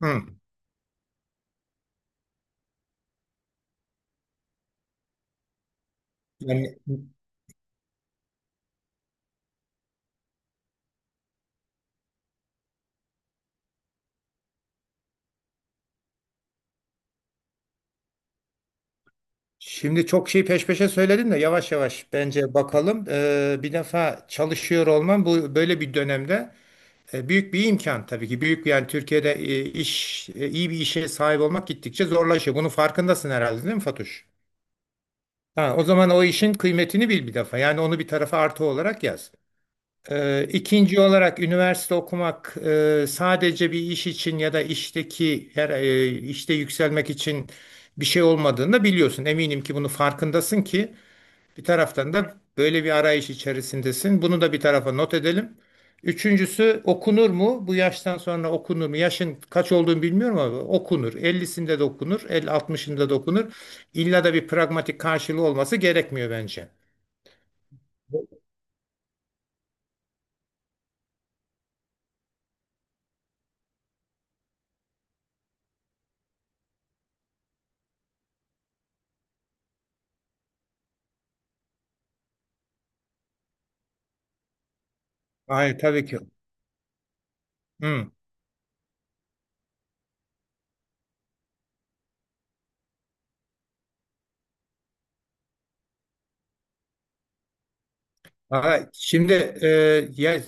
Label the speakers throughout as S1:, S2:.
S1: Hı. Yani şimdi çok şey peş peşe söyledin de yavaş yavaş bence bakalım. Bir defa çalışıyor olman, bu böyle bir dönemde büyük bir imkan tabii ki. Yani Türkiye'de iş iyi bir işe sahip olmak gittikçe zorlaşıyor. Bunun farkındasın herhalde, değil mi Fatuş? Ha, o zaman o işin kıymetini bil bir defa. Yani onu bir tarafa artı olarak yaz. İkinci olarak, üniversite okumak sadece bir iş için ya da işteki her işte yükselmek için bir şey olmadığını da biliyorsun. Eminim ki bunu farkındasın ki bir taraftan da böyle bir arayış içerisindesin. Bunu da bir tarafa not edelim. Üçüncüsü, okunur mu? Bu yaştan sonra okunur mu? Yaşın kaç olduğunu bilmiyorum ama okunur. 50'sinde de okunur, 50 60'ında da okunur. İlla da bir pragmatik karşılığı olması gerekmiyor bence. Hayır, tabii ki. Hı. Aha, şimdi e, ya,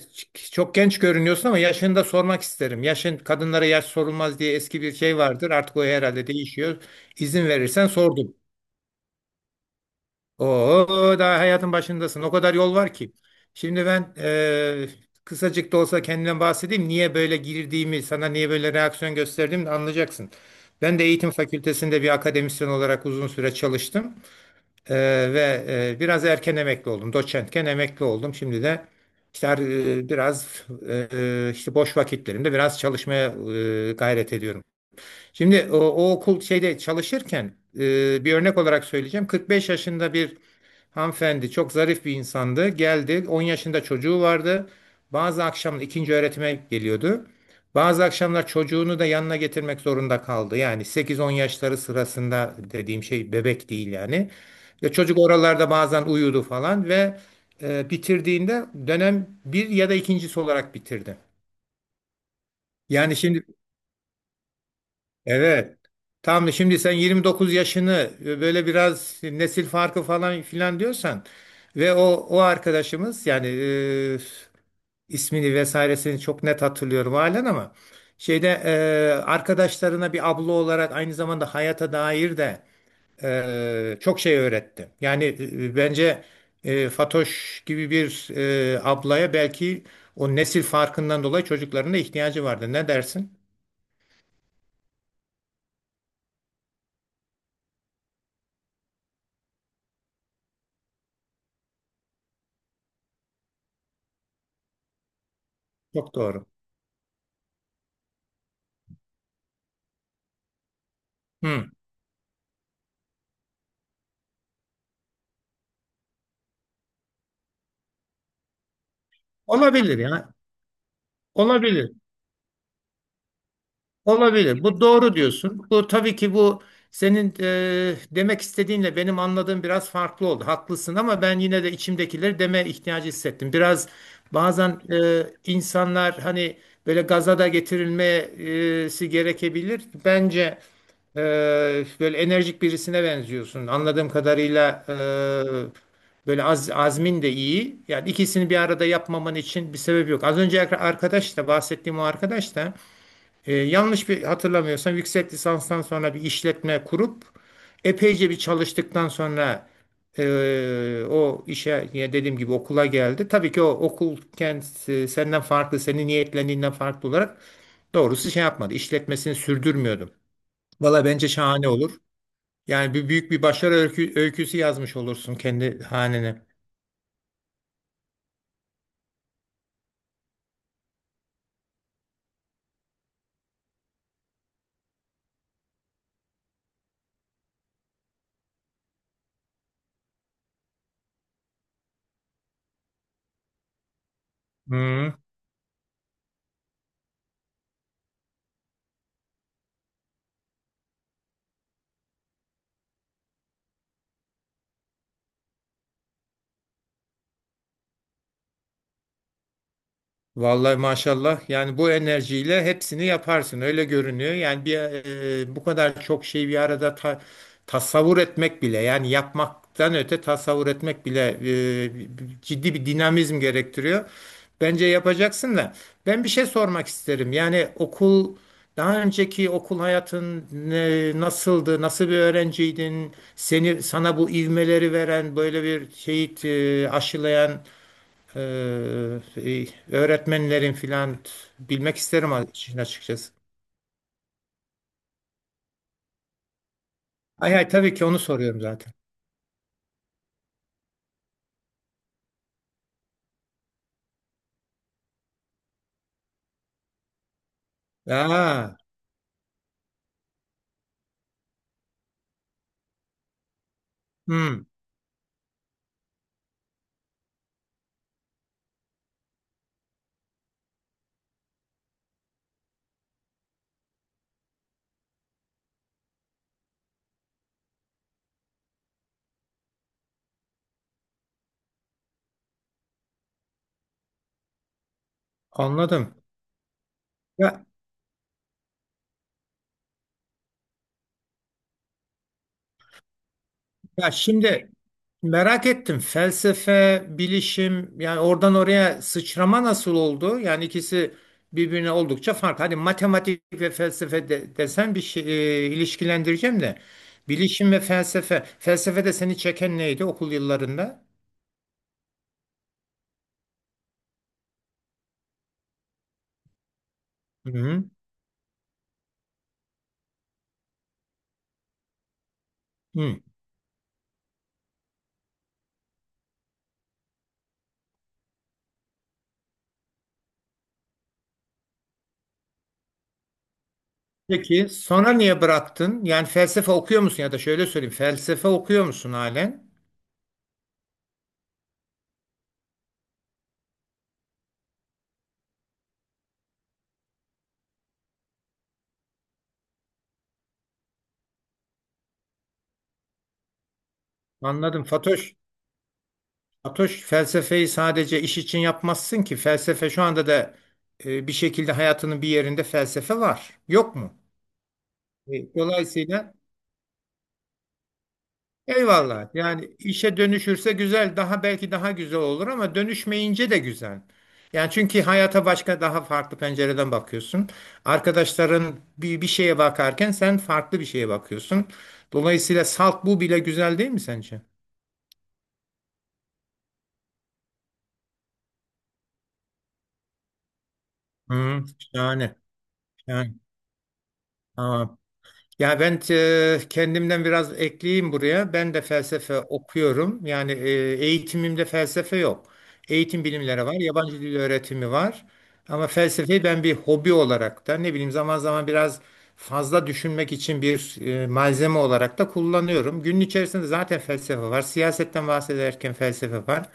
S1: çok genç görünüyorsun ama yaşını da sormak isterim. Yaşın, kadınlara yaş sorulmaz diye eski bir şey vardır. Artık o herhalde değişiyor. İzin verirsen sordum. Oo, daha hayatın başındasın. O kadar yol var ki. Şimdi ben kısacık da olsa kendimden bahsedeyim. Niye böyle girdiğimi, sana niye böyle reaksiyon gösterdiğimi de anlayacaksın. Ben de eğitim fakültesinde bir akademisyen olarak uzun süre çalıştım. Ee, ve biraz erken emekli oldum. Doçentken emekli oldum. Şimdi de işte biraz işte boş vakitlerimde biraz çalışmaya gayret ediyorum. Şimdi o okul şeyde çalışırken bir örnek olarak söyleyeceğim. 45 yaşında bir hanımefendi, çok zarif bir insandı. Geldi, 10 yaşında çocuğu vardı. Bazı akşam ikinci öğretime geliyordu. Bazı akşamlar çocuğunu da yanına getirmek zorunda kaldı. Yani 8-10 yaşları sırasında, dediğim şey bebek değil yani. Ya, çocuk oralarda bazen uyudu falan ve bitirdiğinde dönem bir ya da ikincisi olarak bitirdi. Yani şimdi. Evet. Tam şimdi sen 29 yaşını böyle biraz nesil farkı falan filan diyorsan ve o arkadaşımız, yani ismini vesairesini çok net hatırlıyorum halen, ama şeyde arkadaşlarına bir abla olarak aynı zamanda hayata dair de çok şey öğretti. Yani, bence Fatoş gibi bir ablaya, belki o nesil farkından dolayı çocuklarına ihtiyacı vardı. Ne dersin? Çok doğru. Hı. Olabilir ya. Olabilir. Olabilir. Bu doğru diyorsun. Bu tabii ki, bu senin demek istediğinle benim anladığım biraz farklı oldu. Haklısın, ama ben yine de içimdekileri deme ihtiyacı hissettim. Biraz bazen insanlar, hani, böyle gaza da getirilmesi gerekebilir. Bence e, böyle enerjik birisine benziyorsun. Anladığım kadarıyla böyle azmin de iyi. Yani ikisini bir arada yapmaman için bir sebep yok. Az önce arkadaş da bahsettiğim o arkadaş da yanlış bir hatırlamıyorsam yüksek lisanstan sonra bir işletme kurup epeyce bir çalıştıktan sonra o işe, ya dediğim gibi, okula geldi. Tabii ki o okul kendisi senden farklı, senin niyetlendiğinden farklı olarak doğrusu şey yapmadı. İşletmesini sürdürmüyordum. Valla bence şahane olur. Yani büyük bir başarı öyküsü yazmış olursun kendi hanene. Hı. Vallahi maşallah, yani bu enerjiyle hepsini yaparsın, öyle görünüyor. Yani bu kadar çok şeyi bir arada tasavvur etmek bile, yani yapmaktan öte tasavvur etmek bile ciddi bir dinamizm gerektiriyor. Bence yapacaksın da, ben bir şey sormak isterim. Yani daha önceki okul hayatın nasıldı? Nasıl bir öğrenciydin? Sana bu ivmeleri veren, böyle bir şeyi aşılayan ee, e, öğretmenlerin filan, bilmek isterim işin açıkçası. Hay hay, tabii ki onu soruyorum zaten. Aa, hmm, anladım. Ya, ya, şimdi merak ettim. Felsefe, bilişim, yani oradan oraya sıçrama nasıl oldu? Yani ikisi birbirine oldukça farklı. Hadi matematik ve felsefe de, desen bir şey, ilişkilendireceğim de. Bilişim ve felsefe. Felsefede seni çeken neydi okul yıllarında? Hı hı. Hı. Peki sonra niye bıraktın? Yani felsefe okuyor musun, ya da şöyle söyleyeyim, felsefe okuyor musun halen? Anladım, Fatoş. Fatoş, felsefeyi sadece iş için yapmazsın ki, felsefe şu anda da bir şekilde hayatının bir yerinde felsefe var. Yok mu? Dolayısıyla. Eyvallah. Yani işe dönüşürse güzel, belki daha güzel olur, ama dönüşmeyince de güzel. Yani, çünkü hayata başka, daha farklı pencereden bakıyorsun. Arkadaşların bir şeye bakarken, sen farklı bir şeye bakıyorsun. Dolayısıyla salt bu bile güzel değil mi sence? Hı, şahane. Yani, ya ben kendimden biraz ekleyeyim buraya. Ben de felsefe okuyorum. Yani eğitimimde felsefe yok. Eğitim bilimleri var, yabancı dil öğretimi var. Ama felsefeyi ben bir hobi olarak da, ne bileyim, zaman zaman biraz fazla düşünmek için bir malzeme olarak da kullanıyorum. Günün içerisinde zaten felsefe var. Siyasetten bahsederken felsefe var.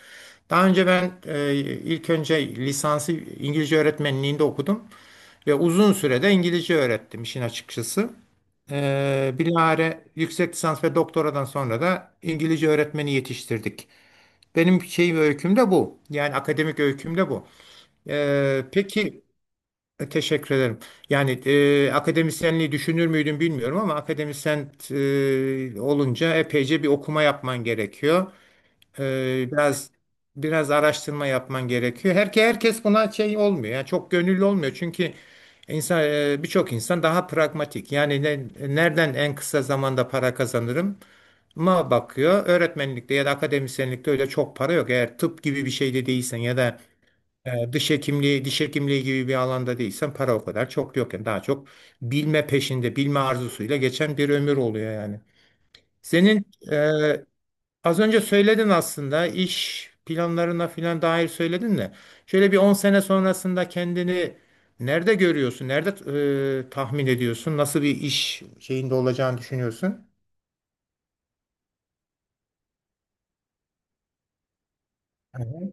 S1: Daha önce ilk önce lisansı İngilizce öğretmenliğinde okudum ve uzun sürede İngilizce öğrettim işin açıkçası. Bilahare yüksek lisans ve doktoradan sonra da İngilizce öğretmeni yetiştirdik. Benim öyküm de bu. Yani akademik öyküm de bu. Peki, teşekkür ederim. Yani akademisyenliği düşünür müydüm bilmiyorum, ama akademisyen olunca epeyce bir okuma yapman gerekiyor. Ee, biraz biraz araştırma yapman gerekiyor. Herkes buna şey olmuyor. Yani çok gönüllü olmuyor. Çünkü birçok insan daha pragmatik. Yani nereden en kısa zamanda para kazanırım ma bakıyor. Öğretmenlikte ya da akademisyenlikte öyle çok para yok. Eğer tıp gibi bir şeyde değilsen, ya da diş hekimliği, gibi bir alanda değilsen para o kadar çok yok. Yani daha çok bilme peşinde, bilme arzusuyla geçen bir ömür oluyor yani. Senin e, Az önce söyledin aslında, iş planlarına filan dair söyledin de, şöyle bir 10 sene sonrasında kendini nerede görüyorsun? Nerede tahmin ediyorsun? Nasıl bir iş şeyinde olacağını düşünüyorsun? Hı.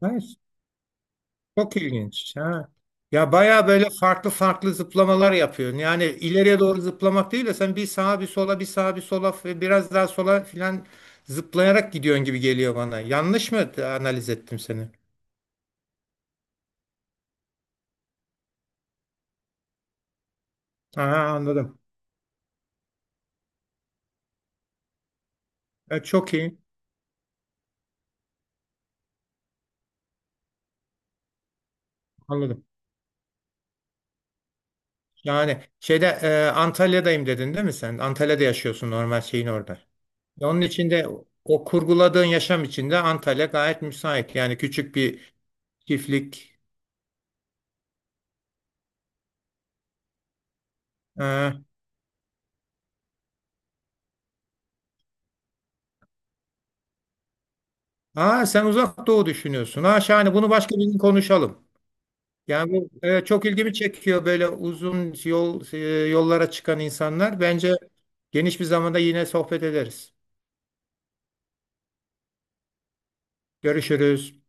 S1: Nice. Çok ilginç. Ha. Ya baya böyle farklı farklı zıplamalar yapıyorsun. Yani ileriye doğru zıplamak değil de, sen bir sağa bir sola, bir sağa bir sola ve biraz daha sola filan zıplayarak gidiyorsun gibi geliyor bana. Yanlış mı analiz ettim seni? Aha, anladım. Çok iyi. Anladım. Yani şeyde Antalya'dayım dedin, değil mi sen? Antalya'da yaşıyorsun, normal şeyin orada. Ve Onun içinde o kurguladığın yaşam içinde Antalya gayet müsait. Yani küçük bir çiftlik. E, aa, sen uzak doğu düşünüyorsun. Ha, şahane, bunu başka bir gün konuşalım. Yani bu çok ilgimi çekiyor, böyle uzun yollara çıkan insanlar. Bence geniş bir zamanda yine sohbet ederiz. Görüşürüz.